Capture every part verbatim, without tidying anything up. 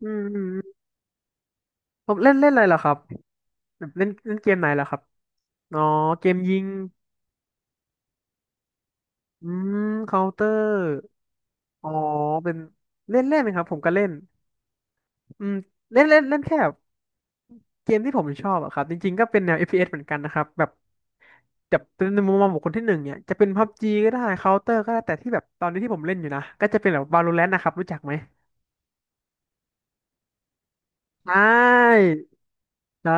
อืมอืมอืมผมเล่นเล่นอะไรเหรอครับแบบเล่นเล่นเกมไหนเหรอครับอ๋อเกมยิงอืมเคาน์เตอร์อ๋อเป็นเล่นเล่นไหมครับผมก็เล่นอืมเล่นเล่นเล่นแค่แบบเกมที่ผมชอบอะครับจริงๆก็เป็นแนวเอฟ p ีเอสเหมือนกันนะครับแบบแบบเป็นในมุมมองของคนที่หนึ่งเนี่ยจะเป็นพั u จีก็ได้เคาน์เตอร์ก็ได้แต่ที่แบบตอนนี้ที่ผมเล่นอยู่นะก็จะเป็นแบบ Valorant นะครับรู้จักไหมใช่ใช่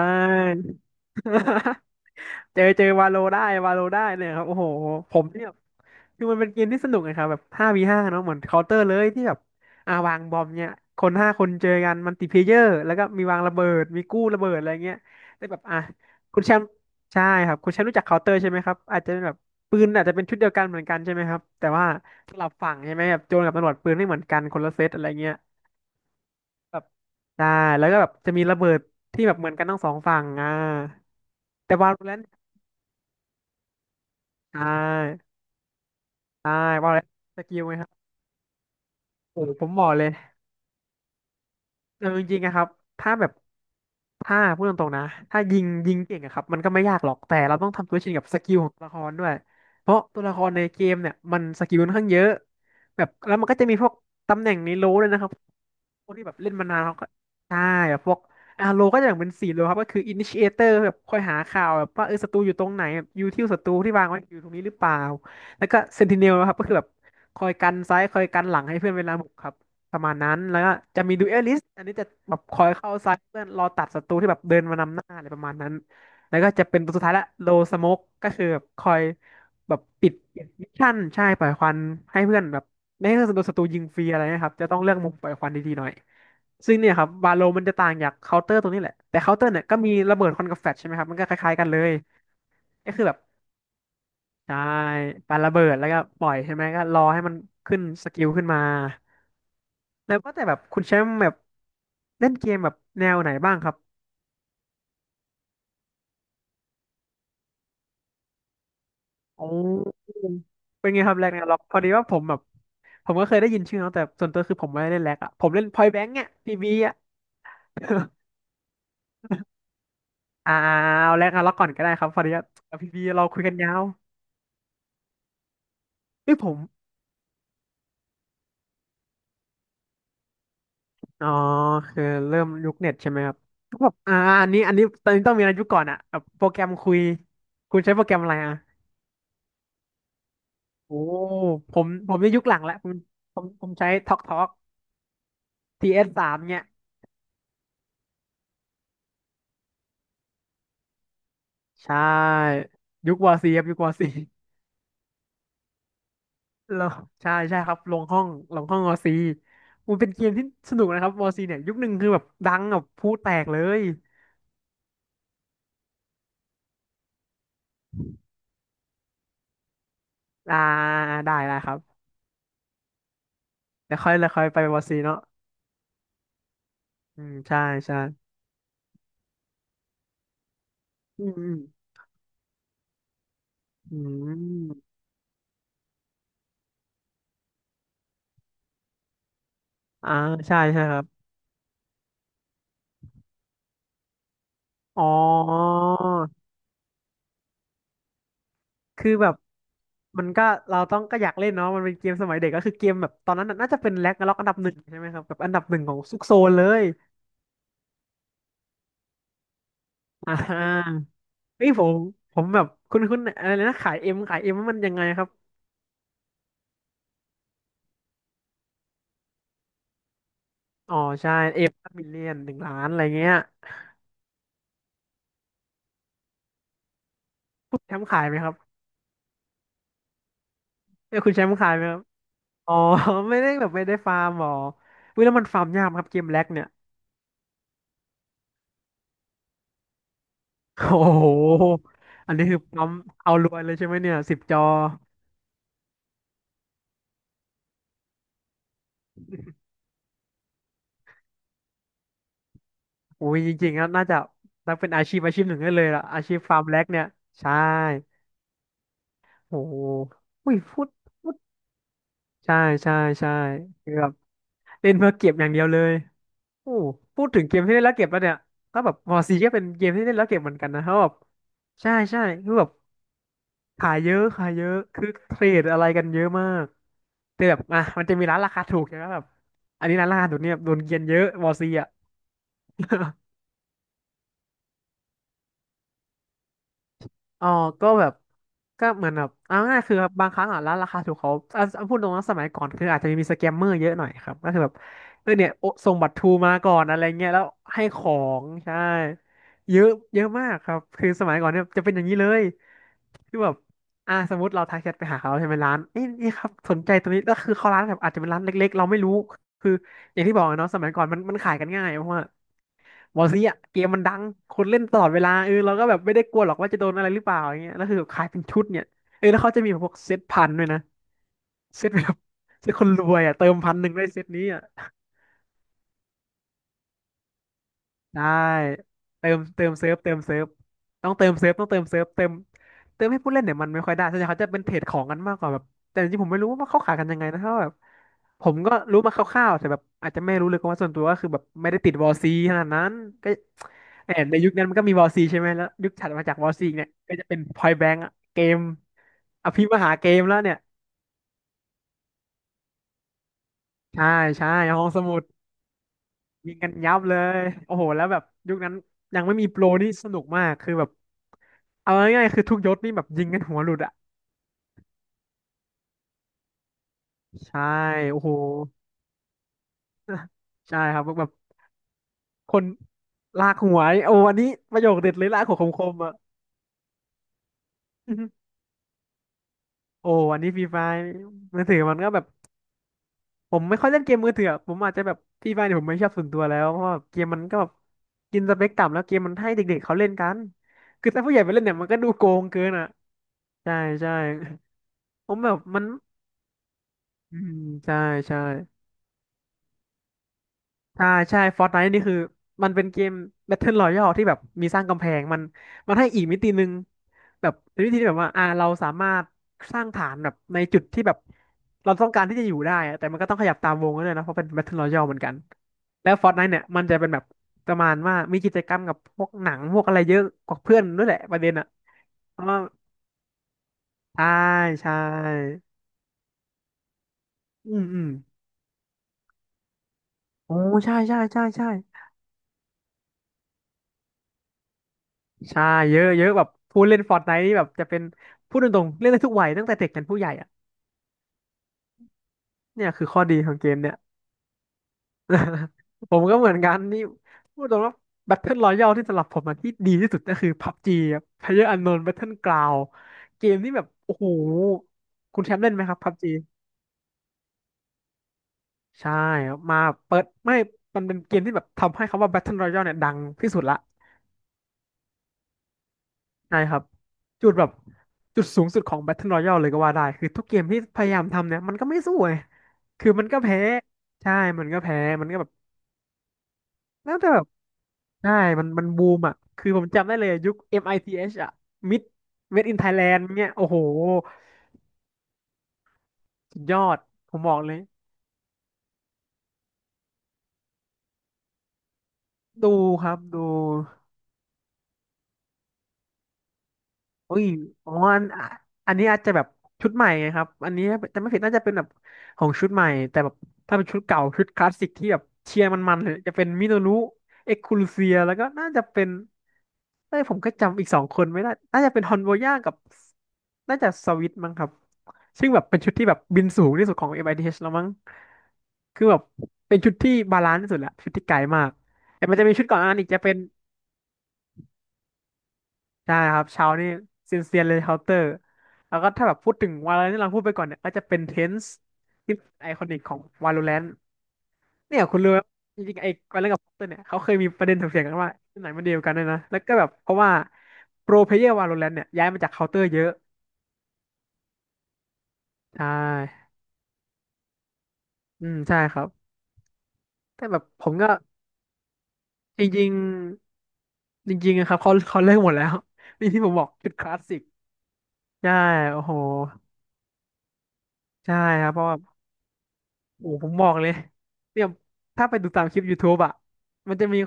เจอเจอวาโลได้วาโลได้เนี่ยครับโอ้โหผมเนี่ยคือมันเป็นเกมที่สนุกนะครับแบบห้าวีห้าเนาะเหมือนเคาน์เตอร์เลยที่แบบอ่าวางบอมเนี่ยคนห้าคนเจอกันมัลติเพลเยอร์แล้วก็มีวางระเบิดมีกู้ระเบิดอะไรเงี้ยแต่แบบอ่ะคุณแชมป์ใช่ครับคุณแชมป์รู้จักเคาน์เตอร์ใช่ไหมครับอาจจะเป็นแบบปืนอาจจะเป็นชุดเดียวกันเหมือนกันใช่ไหมครับแต่ว่าสลับฝั่งใช่ไหมแบบโจรกับตำรวจปืนไม่เหมือนกันคนละเซตอะไรเงี้ยแบบใช่แล้วก็แบบจะมีระเบิดที่แบบเหมือนกันทั้งสองฝั่งอ่าแต่ Valorant ใช่ใชว่าแล้วสกิลไหมครับโอ้โหผมบอกเลยเอาจริงๆนะครับ ถ้าแบบ ถ้าพูดตรงๆนะถ้ายิงยิงเก่งอะครับมันก็ไม่ยากหรอก แต่เราต้องทำตัวชินกับสกิลของตัวละครด้วย เพราะตัวละครในเกมเนี่ย มันสกิลค่อนข้างเยอะแบบแล้วมันก็จะมีพวกตำแหน่งในโลด้วยนะครับ พวกที่แบบเล่นมานานเขาก็ใช่แบบพวกอาโลก็จะอย่างเป็นสี่โลครับก็คือ Initiator แบบคอยหาข่าวแบบว่าเออศัตรูอยู่ตรงไหนแบบยูทิลศัตรูที่วางไว้อยู่ตรงนี้หรือเปล่าแล้วก็ Sentinel นะครับก็คือแบบคอยกันซ้ายคอยกันหลังให้เพื่อนเวลาบุกครับ อันนี้จะแบบคอยเข้าซ้ายเพื่อนรอตัดศัตรูที่แบบเดินมานำหน้าอะไรประมาณนั้นแล้วก็จะเป็นตัวสุดท้ายละโลสโมกก็คือแบบคอยแบบปิดปิดมิชชั่นใช่ปล่อยควันให้เพื่อนแบบไม่ให้โดนศัตรูยิงฟรีอะไรนะครับจะต้องเลือกมุมปล่อยควันดีๆหน่อยซึ่งเนี่ยครับวาโลมันจะต่างจากเคาน์เตอร์ตรงนี้แหละแต่เคาน์เตอร์เนี่ยก็มีระเบิดควันกับแฟลชใช่ไหมครับมันก็คล้ายๆกันเลยก็คือแบบใช่ปาระเบิดแล้วก็ปล่อยใช่ไหมก็รอให้มันขึ้นสกิลขึ้นมาแล้วก็แต่แบบคุณแชมป์แบบเล่นเกมแบบแนวไหนบ้างครับ อืเป็นไงครับแร็กนาร็อกพอดีว่าผมแบบผมก็เคยได้ยินชื่อเนาะแต่ส่วนตัวคือผมไม่ได้เล่นแร็กอะผมเล่นพอยแบงค์อยพีบีอะ อ่าเอาแร็กนาร็อกก่อนก็ได้ครับพอดีว่าพีบีเราคุยกันยาวเอ้ยผมอ๋อคือเริ่มยุคเน็ตใช่ไหมครับก็แบบอ่าอันนี้อันนี้ตอนนี้ต้องมีอะไรยุคก่อนอะแบบโปรแกรมคุยคุณใช้โปรแกรมอะไรอะโอ้ผมผมในยุคหลังแล้วผมผมผมใช้ทอกทอกทีเอสสามเนี่ยใช่ยุควอซีครับยุควอซี ลงใช่ใช่ครับลงห้องลงห้องมอซีมันเป็นเกมที่สนุกนะครับวอซีเนี่ยยุคหนึ่งคือแบบดังแบบพูดแตกเลยอ่าได้ได้ครับเดี๋ยวค่อยเดี๋ยวค่อยไปวอซีเนาะอืมใช่ใช่อืมอืมอืมอ่าใช่ใช่ครับอ๋อคือแบบมันก็เราต้องก็อยากเล่นเนาะมันเป็นเกมสมัยเด็กก็คือเกมแบบตอนนั้นน่ะน่าจะเป็นแร็กนาร็อกอันดับหนึ่งใช่ไหมครับแบบอันดับหนึ่งของซุกโซนเลยอ่าเฮ้ยผมผมแบบคุณคุณอะไรนะขายเอ็มขายเอ็มมันยังไงครับ อ๋อใช่เอฟมิลเลียนหนึ่งล้านอะไรเงี้ยแชมป์ขายไหมครับเอ้ยคุณแชมป์ขายไหมครับอ๋อ ไม่ได้แบบไม่ได้ฟาร์มหรอวิแล้วมันฟาร์มยากไหมครับเกมแล็กเนี่ยโอ้โหอันนี้คือปั๊มเอารวยเลยใช่ไหมเนี่ยสิบจอโอ้ยจริงๆแล้วน่าจะนับเป็นอาชีพอาชีพหนึ่งได้เลยล่ะอาชีพฟาร์มแล็กเนี่ยใช่โอ้โหอุ้ยพูดพูดใช่ใช่ใช่คือแบบเล่นเพื่อเก็บอย่างเดียวเลย โอ้พูดถึงเกมที่เล่นแล้วเก็บแล้วเนี่ยก็แบบมอซีก็เป็นเกมที่เล่นแล้วเก็บเหมือนกันนะครับแบบใช่ใช่คือแบบขายเยอะขายเยอะคือเทรดอะไรกันเยอะมากแต่แบบอ่ะมันจะมีร้านราคาถูกใช่ไหมแบบอันนี้ร้านราคาถูกเนี่ยโดนเกรียนเยอะมอซีอ่ะ อ๋อ ก็แบบก็เหมือนแบบเอาง่ายๆคือแบบบางครั้งอ่ะร้านราคาถูกเขาอ่ะอ่ะพูดตรงนะสมัยก่อนคืออาจจะมีสแกมเมอร์เยอะหน่อยครับก็คือแบบเออเนี่ยโอส่งบัตรทรูมาก่อนอะไรเงี้ยแล้วให้ของ ใช่ เยอะเยอะมากครับคือสมัยก่อนเนี่ยจะเป็นอย่างนี้เลยคือแบบอ่าสมมติเราทักแชทไปหาเขาใช่ไหมร้านนี่นี่ครับสนใจตัวนี้แล้วคือเขาร้านแบบอาจจะเป็นร้านเล็กๆเราไม่รู้ คืออย่างที่บอกอะเนาะสมัยก่อนมันมันขายกันง่ายเพราะว่า บางทีอ่ะเกมมันดังคนเล่นตลอดเวลาเออเราก็แบบไม่ได้กลัวหรอกว่าจะโดนอะไรหรือเปล่าอย่างเงี้ยแล้วคือแบบขายเป็นชุดเนี่ยเออแล้วเขาจะมีแบบพวกเซตพันด้วยนะเซตแบบเซตคนรวยอ่ะเติมพันหนึ่งได้เซตนี้อ่ะ ได้เติมเติมเซิร์ฟเติมเซิร์ฟต้องเติมเซิร์ฟต้องเติมเซิร์ฟเติมเติมให้ผู้เล่นเนี่ยมันไม่ค่อยได้ส่วนใหญ่เขาจะเป็นเทรดของกันมากกว่าแบบแต่จริงๆผมไม่รู้ว่าเขาขายกันยังไงนะเพราะว่าแบบผมก็รู้มาคร่าวๆแต่แบบอาจจะไม่รู้เลยเพราะว่าส่วนตัวก็คือแบบไม่ได้ติดวอลซีขนาดนั้นก็แหมในยุคนั้นมันก็มีวอลซีใช่ไหมแล้วยุคถัดมาจากวอลซีเนี่ยก็จะเป็นพอยแบงก์เกมอภิมหาเกมแล้วเนี่ยใช่ใช่ห้องสมุด ยิงกันยับเลย โอ้โหแล้วแบบยุคนั้นยังไม่มีโปรนี่สนุกมากคือแบบเอาง่ายๆคือทุกยศนี่แบบยิงกันหัวหลุดอ่ะใช่โอ้โหใช่ครับแบบคนลากหัวนี่โอ้อันนี้ประโยคเด็ดเลยลากหัวคมๆอ่ะ อื้อหือโอ้อันนี้ฟรีไฟมือถือมันก็แบบผมไม่ค่อยเล่นเกมมือถืออะผมอาจจะแบบฟรีไฟเนี่ยผมไม่ชอบส่วนตัวแล้วเพราะว่าเกมมันก็แบบกินสเปคต่ำแล้วเกมมันให้เด็กๆเขาเล่นกันคือถ้าผู้ใหญ่ไปเล่นเนี่ยมันก็ดูโกงเกินอ่ะใช่ใช่ผมแบบมัน อืมใช่ใช่ใช่ใช่ฟอร์ตไนท์นี่คือมันเป็นเกม Battle Royale ที่แบบมีสร้างกำแพงมันมันให้อีกมิตินึงแบบเป็นวิธีที่แบบว่าอ่าเราสามารถสร้างฐานแบบในจุดที่แบบเราต้องการที่จะอยู่ได้อะแต่มันก็ต้องขยับตามวงด้วยนะเพราะเป็น Battle Royale เหมือนกันแล้ว Fortnite เนี่ยมันจะเป็นแบบประมาณว่ามีกิจกรรมกับพวกหนังพวกอะไรเยอะกว่าเพื่อนด้วยแหละประเด็นอ่ะเพราะว่าใช่ใช่อืมอืมโอ้ใช่ใช่ใช่ใช่ ใช่เยอะเยอะแบบผู้เล่น Fortnite นี่แบบจะเป็นพูดตรงๆเล่นได้ทุกวัยตั้งแต่เด็กยันผู้ใหญ่อ่ะเนี่ยคือข้อดีของเกมเนี่ย ผมก็เหมือนกันนี่พูดตรงว่า Battle Royale ที่สำหรับผมอะที่ดีที่สุดก็คือ พับจี อะ PlayerUnknown Battleground เกมที่แบบโอ้โหคุณแชมป์เล่นไหมครับ พับจี ใช่ครับมาเปิดไม่มันเป็นเกมที่แบบทำให้คำว่า Battle Royale เนี่ยดังที่สุดละ ใช่ครับจุดแบบจุดสูงสุดของ Battle Royale เลยก็ว่าได้คือทุกเกมที่พยายามทำเนี่ยมันก็ไม่สู้ไงคือมันก็แพ้ใช่มันก็แพ้มันก็แบบแล้วแต่แบบใช่มันมันบูมอ่ะคือผมจำได้เลยยุค มิธ อมไอทีเอชอ่ะ Mid Made in Thailand เนี่ยโอ้โหสุดยอดผมบอกเลยดูครับดู อุ้ยอ๋ออันอ่ะอันนี้อาจจะแบบชุดใหม่ไงครับอันนี้จะไม่ผิดน่าจะเป็นแบบของชุดใหม่แต่แบบถ้าเป็นชุดเก่าชุดคลาสสิกที่แบบเชียร์มันๆเลยจะเป็นมิโนรุเอ็กคูลูเซียแล้วก็น่าจะเป็นเอ้ยผมก็จำอีกสองคนไม่ได้น่าจะเป็นฮอนโบย่ากับน่าจะสวิตมั้งครับซึ่งแบบเป็นชุดที่แบบบินสูงที่สุดของเอ็มไอที i t ชแล้วมั้งคือแบบเป็นชุดที่บาลานซ์ที่สุดแหละชุดที่ไกลมากแต่มันจะมีชุดก่อนอันนั้นอีกจะเป็น ได้ครับเช้านี่เซียนเซียนเลยเคาน์เตอร์แล้วก็ถ้าแบบพูดถึงวาโลแรนที่เราพูดไปก่อนเนี่ยก็จะเป็นเทนส์ที่ไอคอนิกของวาโลแรนเนี่ยคุณรู้ไหมจริงๆไอ้วาโลแรนกับเคาน์เตอร์เนี่ยเขาเคยมีประเด็นถกเถียงกันว่าที่ไหนมันเดียวกันด้วยนะแล้วก็แบบเพราะว่าโปรเพลเยอร์วาโลแรนเนี่ยย้ายมาจากเคาน์เตอร์เยอะใช่อืมใช่ครับแต่แบบผมก็จริงๆจริงๆนะครับเขาเขาเลิกหมดแล้ว นี่ที่ผมบอกจุดคลาสสิกใช่โอ้โหใช่ครับเพราะว่า โอ้ผมบอกเลยเนี่ยถ้าไปดูตามคลิป YouTube อ่ะมันจะมี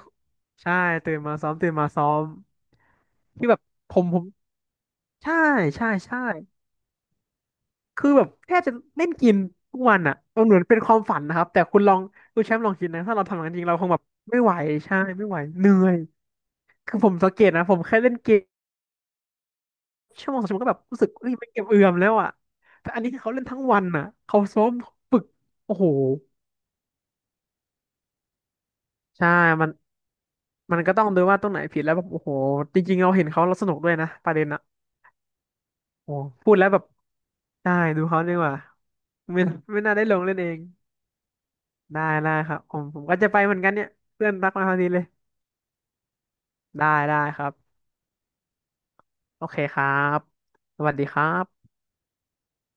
ใช่ตื่นมาซ้อมตื่นมาซ้อมที่แบบผมผมใช่ใช่ใช่คือแบบแค่จะเล่นกินทุกวันอ่ะมันเหมือนเป็นความฝันนะครับแต่คุณลองคุณแชมป์ลองคิดนะถ้าเราทำอย่างนั้นจริงเราคงแบบไม่ไหวใช่ไม่ไหวเหนื่อยคือผมสังเกตนะผมแค่เล่นเกมชั่วโมงสองชั่วโมงก็แบบรู้สึกเอ้ยไม่เก็บเอือมแล้วอ่ะแต่อันนี้คือเขาเล่นทั้งวันอ่ะเขาซ้อมฝึกโอ้โหใช่มัน มันก็ต้องดูว่าตรงไหนผิดแล้วแบบโอ้โหจริงๆเราเห็นเขาเราสนุกด้วยนะประเด็นอะโอ้พูดแล้วแบบได้ดูเขาดีกว่าไม่ไม่น่าได้ลงเล่นเองได้ได้ครับผมผมก็จะไปเหมือนกันเนี่ยเพื่อนรักมาพอดีเลยได้ได้ครับโอเคครับสวัสดีครับ